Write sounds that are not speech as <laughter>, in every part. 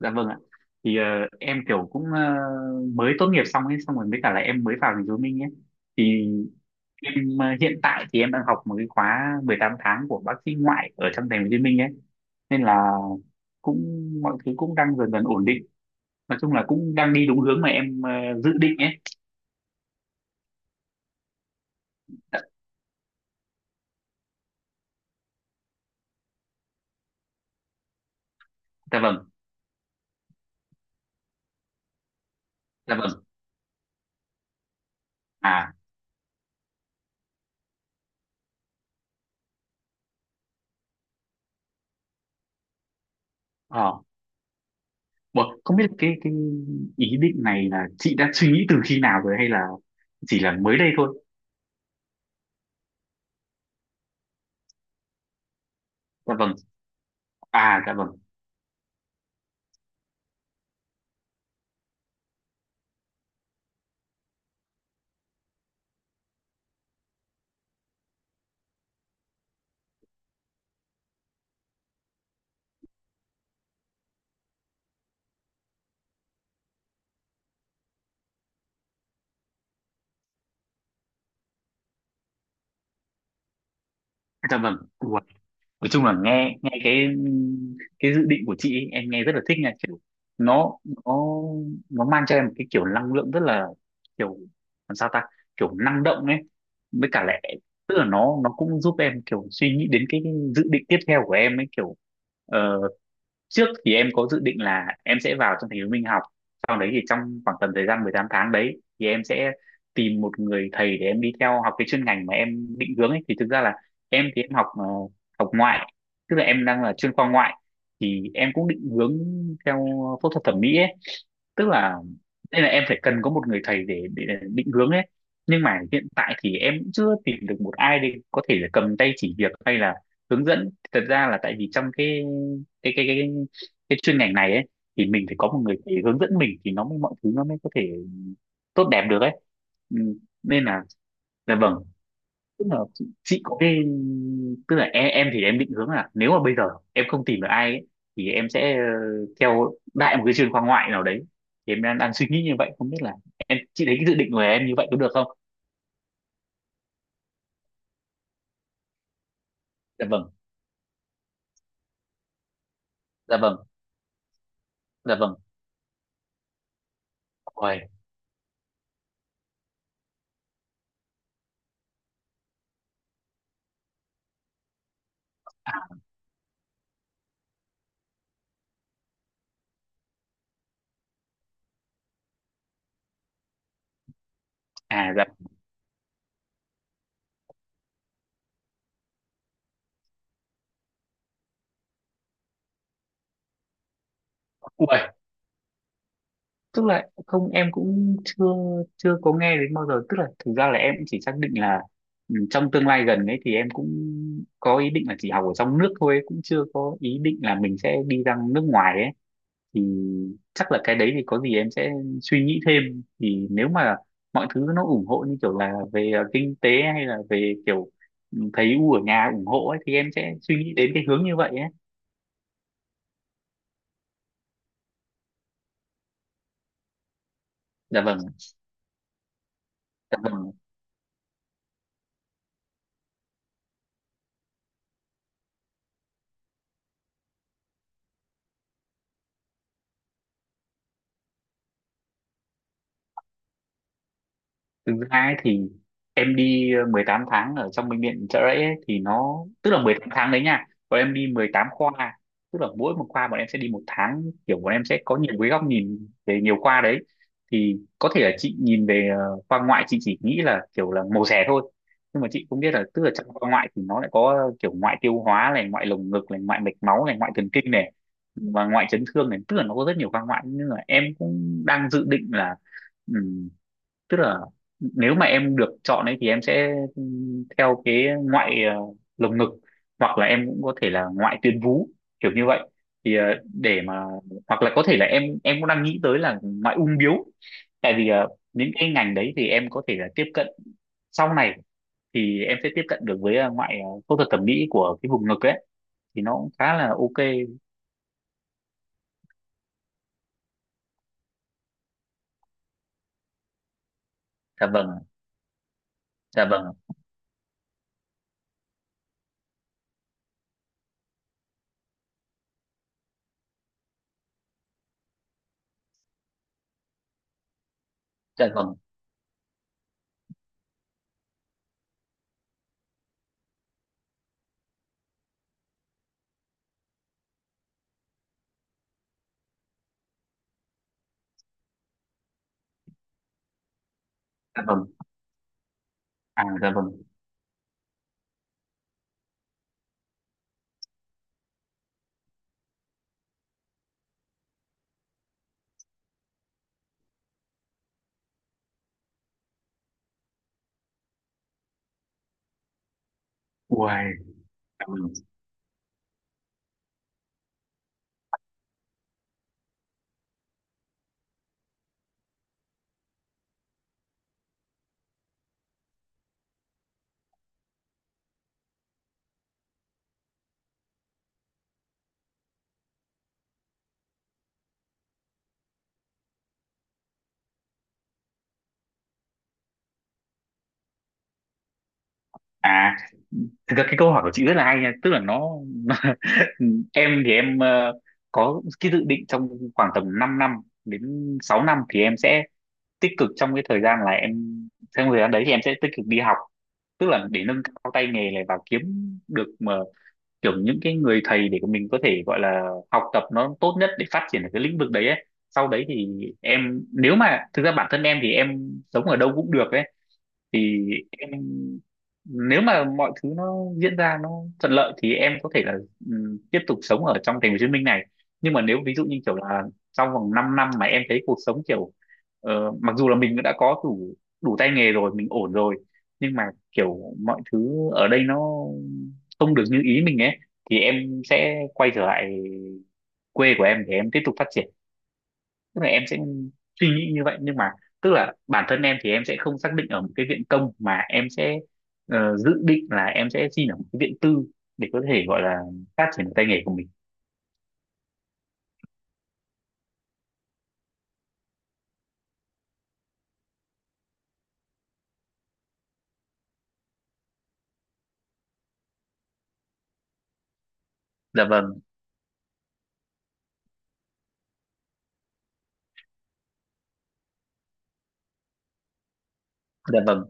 Dạ vâng ạ. Thì em kiểu cũng mới tốt nghiệp xong ấy, xong rồi với cả là em mới vào thành phố Hồ Chí Minh ấy. Thì em hiện tại thì em đang học một cái khóa 18 tháng của bác sĩ ngoại ở trong thành phố Hồ Chí Minh ấy. Nên là cũng mọi thứ cũng đang dần dần ổn định. Nói chung là cũng đang đi đúng hướng mà em dự định ấy. Dạ, dạ vâng, dạ vâng. À, ờ. Ủa, không biết cái ý định này là chị đã suy nghĩ từ khi nào rồi hay là chỉ là mới đây thôi? Dạ vâng. À, dạ vâng. Dạ vâng. Nói chung là nghe nghe cái dự định của chị ấy, em nghe rất là thích nha kiểu nó nó nó mang cho em một cái kiểu năng lượng rất là kiểu làm sao ta kiểu năng động ấy với cả lại tức là nó cũng giúp em kiểu suy nghĩ đến cái dự định tiếp theo của em ấy kiểu ờ, trước thì em có dự định là em sẽ vào trong thành phố Minh học sau đấy thì trong khoảng tầm thời gian 18 tháng đấy thì em sẽ tìm một người thầy để em đi theo học cái chuyên ngành mà em định hướng ấy thì thực ra là em thì em học học ngoại tức là em đang là chuyên khoa ngoại thì em cũng định hướng theo phẫu thuật thẩm mỹ ấy tức là đây là em phải cần có một người thầy để định hướng ấy nhưng mà hiện tại thì em cũng chưa tìm được một ai để có thể là cầm tay chỉ việc hay là hướng dẫn thật ra là tại vì trong cái cái cái cái chuyên ngành này ấy thì mình phải có một người thầy hướng dẫn mình thì nó mới mọi thứ nó mới có thể tốt đẹp được ấy ừ. Nên là vâng tức là chị có cái tức là em thì em định hướng là nếu mà bây giờ em không tìm được ai ấy, thì em sẽ theo đại một cái trường khoa ngoại nào đấy thì em đang suy nghĩ như vậy không biết là em chị thấy cái dự định của em như vậy có được không. Dạ vâng. Dạ vâng. Dạ vâng. Ui. À, à dạ. Ui, tức là không em cũng chưa chưa có nghe đến bao giờ tức là thực ra là em cũng chỉ xác định là ừ, trong tương lai gần ấy thì em cũng có ý định là chỉ học ở trong nước thôi cũng chưa có ý định là mình sẽ đi ra nước ngoài ấy thì chắc là cái đấy thì có gì em sẽ suy nghĩ thêm thì nếu mà mọi thứ nó ủng hộ như kiểu là về kinh tế hay là về kiểu ừ, thấy u ở nhà ủng hộ ấy thì em sẽ suy nghĩ đến cái hướng như vậy ấy. Dạ vâng. Dạ vâng. Thực ra ấy thì em đi 18 tháng ở trong bệnh viện Chợ Rẫy ấy, thì nó tức là 18 tháng đấy nha còn em đi 18 khoa tức là mỗi một khoa bọn em sẽ đi một tháng kiểu bọn em sẽ có nhiều cái góc nhìn về nhiều khoa đấy thì có thể là chị nhìn về khoa ngoại chị chỉ nghĩ là kiểu là mổ xẻ thôi nhưng mà chị cũng biết là tức là trong khoa ngoại thì nó lại có kiểu ngoại tiêu hóa này ngoại lồng ngực này ngoại mạch máu này ngoại thần kinh này và ngoại chấn thương này tức là nó có rất nhiều khoa ngoại nhưng mà em cũng đang dự định là tức là nếu mà em được chọn ấy thì em sẽ theo cái ngoại lồng ngực hoặc là em cũng có thể là ngoại tuyến vú kiểu như vậy thì để mà hoặc là có thể là em cũng đang nghĩ tới là ngoại ung bướu tại vì những cái ngành đấy thì em có thể là tiếp cận sau này thì em sẽ tiếp cận được với ngoại phẫu thuật thẩm mỹ của cái vùng ngực ấy thì nó cũng khá là ok. Dạ vâng. Dạ vâng. Dạ vâng. Dạ vâng. À dạ vâng. Uầy, dạ vâng. Thực ra cái câu hỏi của chị rất là hay nha tức là nó ừ, em thì em có cái dự định trong khoảng tầm 5 năm đến 6 năm thì em sẽ tích cực trong cái thời gian là em trong thời gian đấy thì em sẽ tích cực đi học tức là để nâng cao tay nghề này và kiếm được mà kiểu những cái người thầy để mình có thể gọi là học tập nó tốt nhất để phát triển ở cái lĩnh vực đấy ấy. Sau đấy thì em nếu mà thực ra bản thân em thì em sống ở đâu cũng được ấy thì em nếu mà mọi thứ nó diễn ra nó thuận lợi thì em có thể là tiếp tục sống ở trong thành phố Hồ Chí Minh này nhưng mà nếu ví dụ như kiểu là trong vòng 5 năm mà em thấy cuộc sống kiểu mặc dù là mình đã có đủ đủ tay nghề rồi mình ổn rồi nhưng mà kiểu mọi thứ ở đây nó không được như ý mình ấy thì em sẽ quay trở lại quê của em để em tiếp tục phát triển tức là em sẽ suy nghĩ như vậy nhưng mà tức là bản thân em thì em sẽ không xác định ở một cái viện công mà em sẽ dự định là em sẽ xin ở một cái viện tư để có thể gọi là phát triển tay nghề của mình. Dạ vâng. Dạ vâng.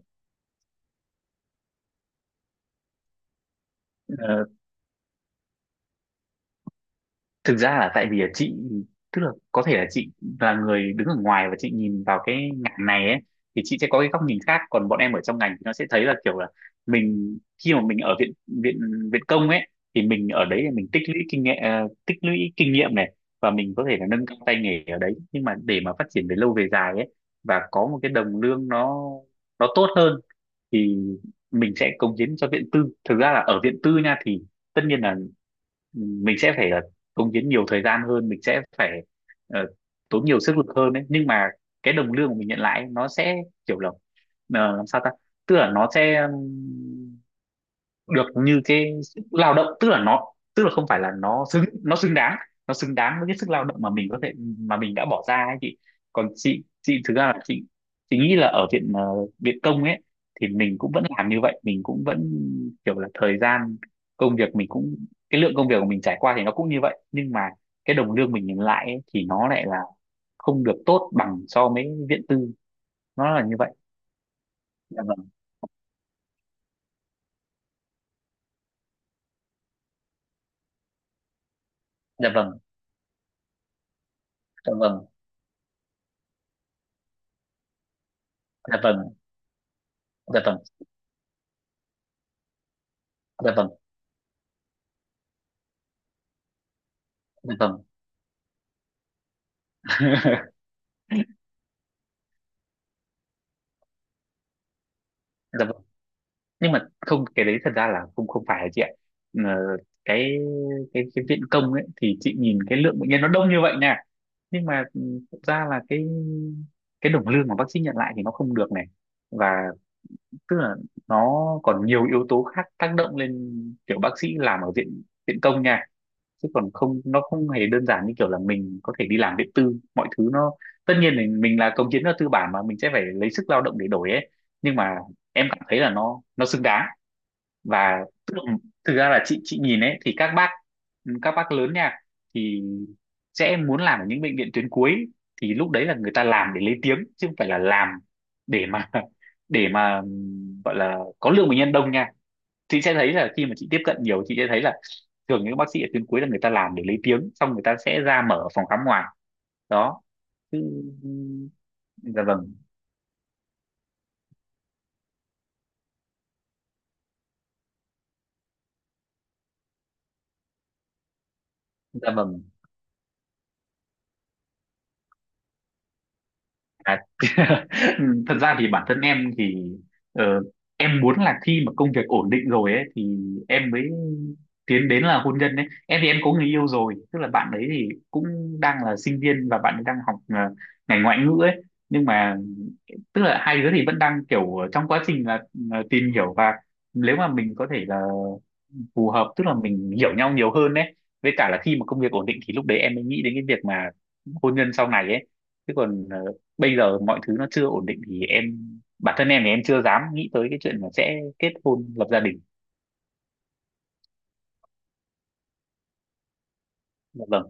Ờ, Thực ra là tại vì là chị tức là có thể là chị là người đứng ở ngoài và chị nhìn vào cái ngành này ấy thì chị sẽ có cái góc nhìn khác còn bọn em ở trong ngành thì nó sẽ thấy là kiểu là mình khi mà mình ở viện viện viện công ấy thì mình ở đấy là mình tích lũy kinh nghiệm tích lũy kinh nghiệm này và mình có thể là nâng cao tay nghề ở đấy nhưng mà để mà phát triển về lâu về dài ấy và có một cái đồng lương nó tốt hơn thì mình sẽ cống hiến cho viện tư thực ra là ở viện tư nha thì tất nhiên là mình sẽ phải cống hiến nhiều thời gian hơn mình sẽ phải ờ, tốn nhiều sức lực hơn đấy nhưng mà cái đồng lương của mình nhận lại ấy, nó sẽ kiểu là làm sao ta tức là nó sẽ được như cái sức lao động tức là nó tức là không phải là nó xứng đáng với cái sức lao động mà mình có thể mà mình đã bỏ ra ấy chị còn chị thực ra là chị nghĩ là ở viện viện công ấy thì mình cũng vẫn làm như vậy mình cũng vẫn kiểu là thời gian công việc mình cũng cái lượng công việc của mình trải qua thì nó cũng như vậy nhưng mà cái đồng lương mình nhận lại ấy, thì nó lại là không được tốt bằng so với viện tư nó là như vậy. Dạ vâng. Dạ vâng. Dạ vâng. Dạ vâng. Dạ vâng. Dạ vâng. Dạ vâng. Dạ vâng. Nhưng mà không cái đấy thật ra là không không phải chị ạ. Ờ, cái cái viện công ấy thì chị nhìn cái lượng bệnh nhân nó đông như vậy nè nhưng mà ừ, thật ra là cái đồng lương mà bác sĩ nhận lại thì nó không được này và tức là nó còn nhiều yếu tố khác tác động lên kiểu bác sĩ làm ở viện viện công nha chứ còn không nó không hề đơn giản như kiểu là mình có thể đi làm điện tư mọi thứ nó tất nhiên mình là công chức nó tư bản mà mình sẽ phải lấy sức lao động để đổi ấy nhưng mà em cảm thấy là nó xứng đáng và tức là, thực ra là chị nhìn ấy thì các bác lớn nha thì sẽ muốn làm ở những bệnh viện tuyến cuối thì lúc đấy là người ta làm để lấy tiếng chứ không phải là làm để mà <laughs> để mà gọi là có lượng bệnh nhân đông nha chị sẽ thấy là khi mà chị tiếp cận nhiều chị sẽ thấy là thường những bác sĩ ở tuyến cuối là người ta làm để lấy tiếng xong người ta sẽ ra mở phòng khám ngoài đó. Chứ- dạ vâng. Dạ vâng. À, <laughs> thật ra thì bản thân em thì ờ, em muốn là khi mà công việc ổn định rồi ấy thì em mới tiến đến là hôn nhân đấy em thì em có người yêu rồi tức là bạn ấy thì cũng đang là sinh viên và bạn ấy đang học ngành ngoại ngữ ấy nhưng mà tức là hai đứa thì vẫn đang kiểu trong quá trình là tìm hiểu và nếu mà mình có thể là phù hợp tức là mình hiểu nhau nhiều hơn đấy với cả là khi mà công việc ổn định thì lúc đấy em mới nghĩ đến cái việc mà hôn nhân sau này ấy chứ còn bây giờ mọi thứ nó chưa ổn định thì em bản thân em thì em chưa dám nghĩ tới cái chuyện là sẽ kết hôn lập gia đình. Dạ vâng.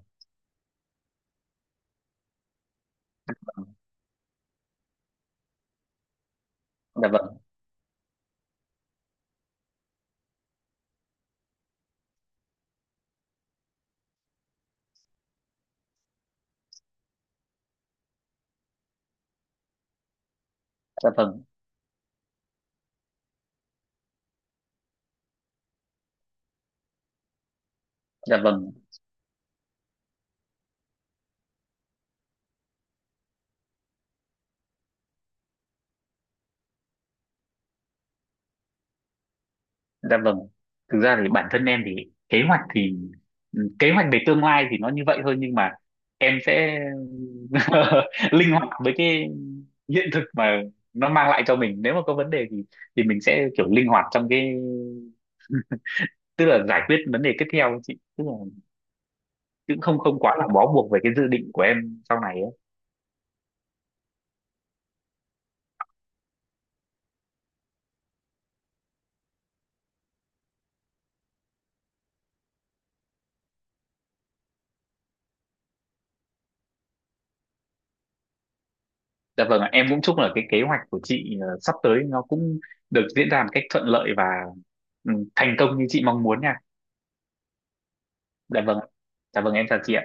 Dạ vâng. Dạ vâng. Dạ vâng. Dạ vâng. Thực ra thì bản thân em thì kế hoạch về tương lai thì nó như vậy thôi nhưng mà em sẽ <laughs> linh hoạt với cái hiện thực mà nó mang lại cho mình. Nếu mà có vấn đề thì mình sẽ kiểu linh hoạt trong cái tức là giải quyết vấn đề tiếp theo ấy chị. Tức là cũng không không quá là bó buộc về cái dự định của em sau này ấy. Dạ vâng, ạ. Em cũng chúc là cái kế hoạch của chị sắp tới nó cũng được diễn ra một cách thuận lợi và ừ, thành công như chị mong muốn nha. Dạ vâng, ạ. Dạ vâng, em chào chị ạ.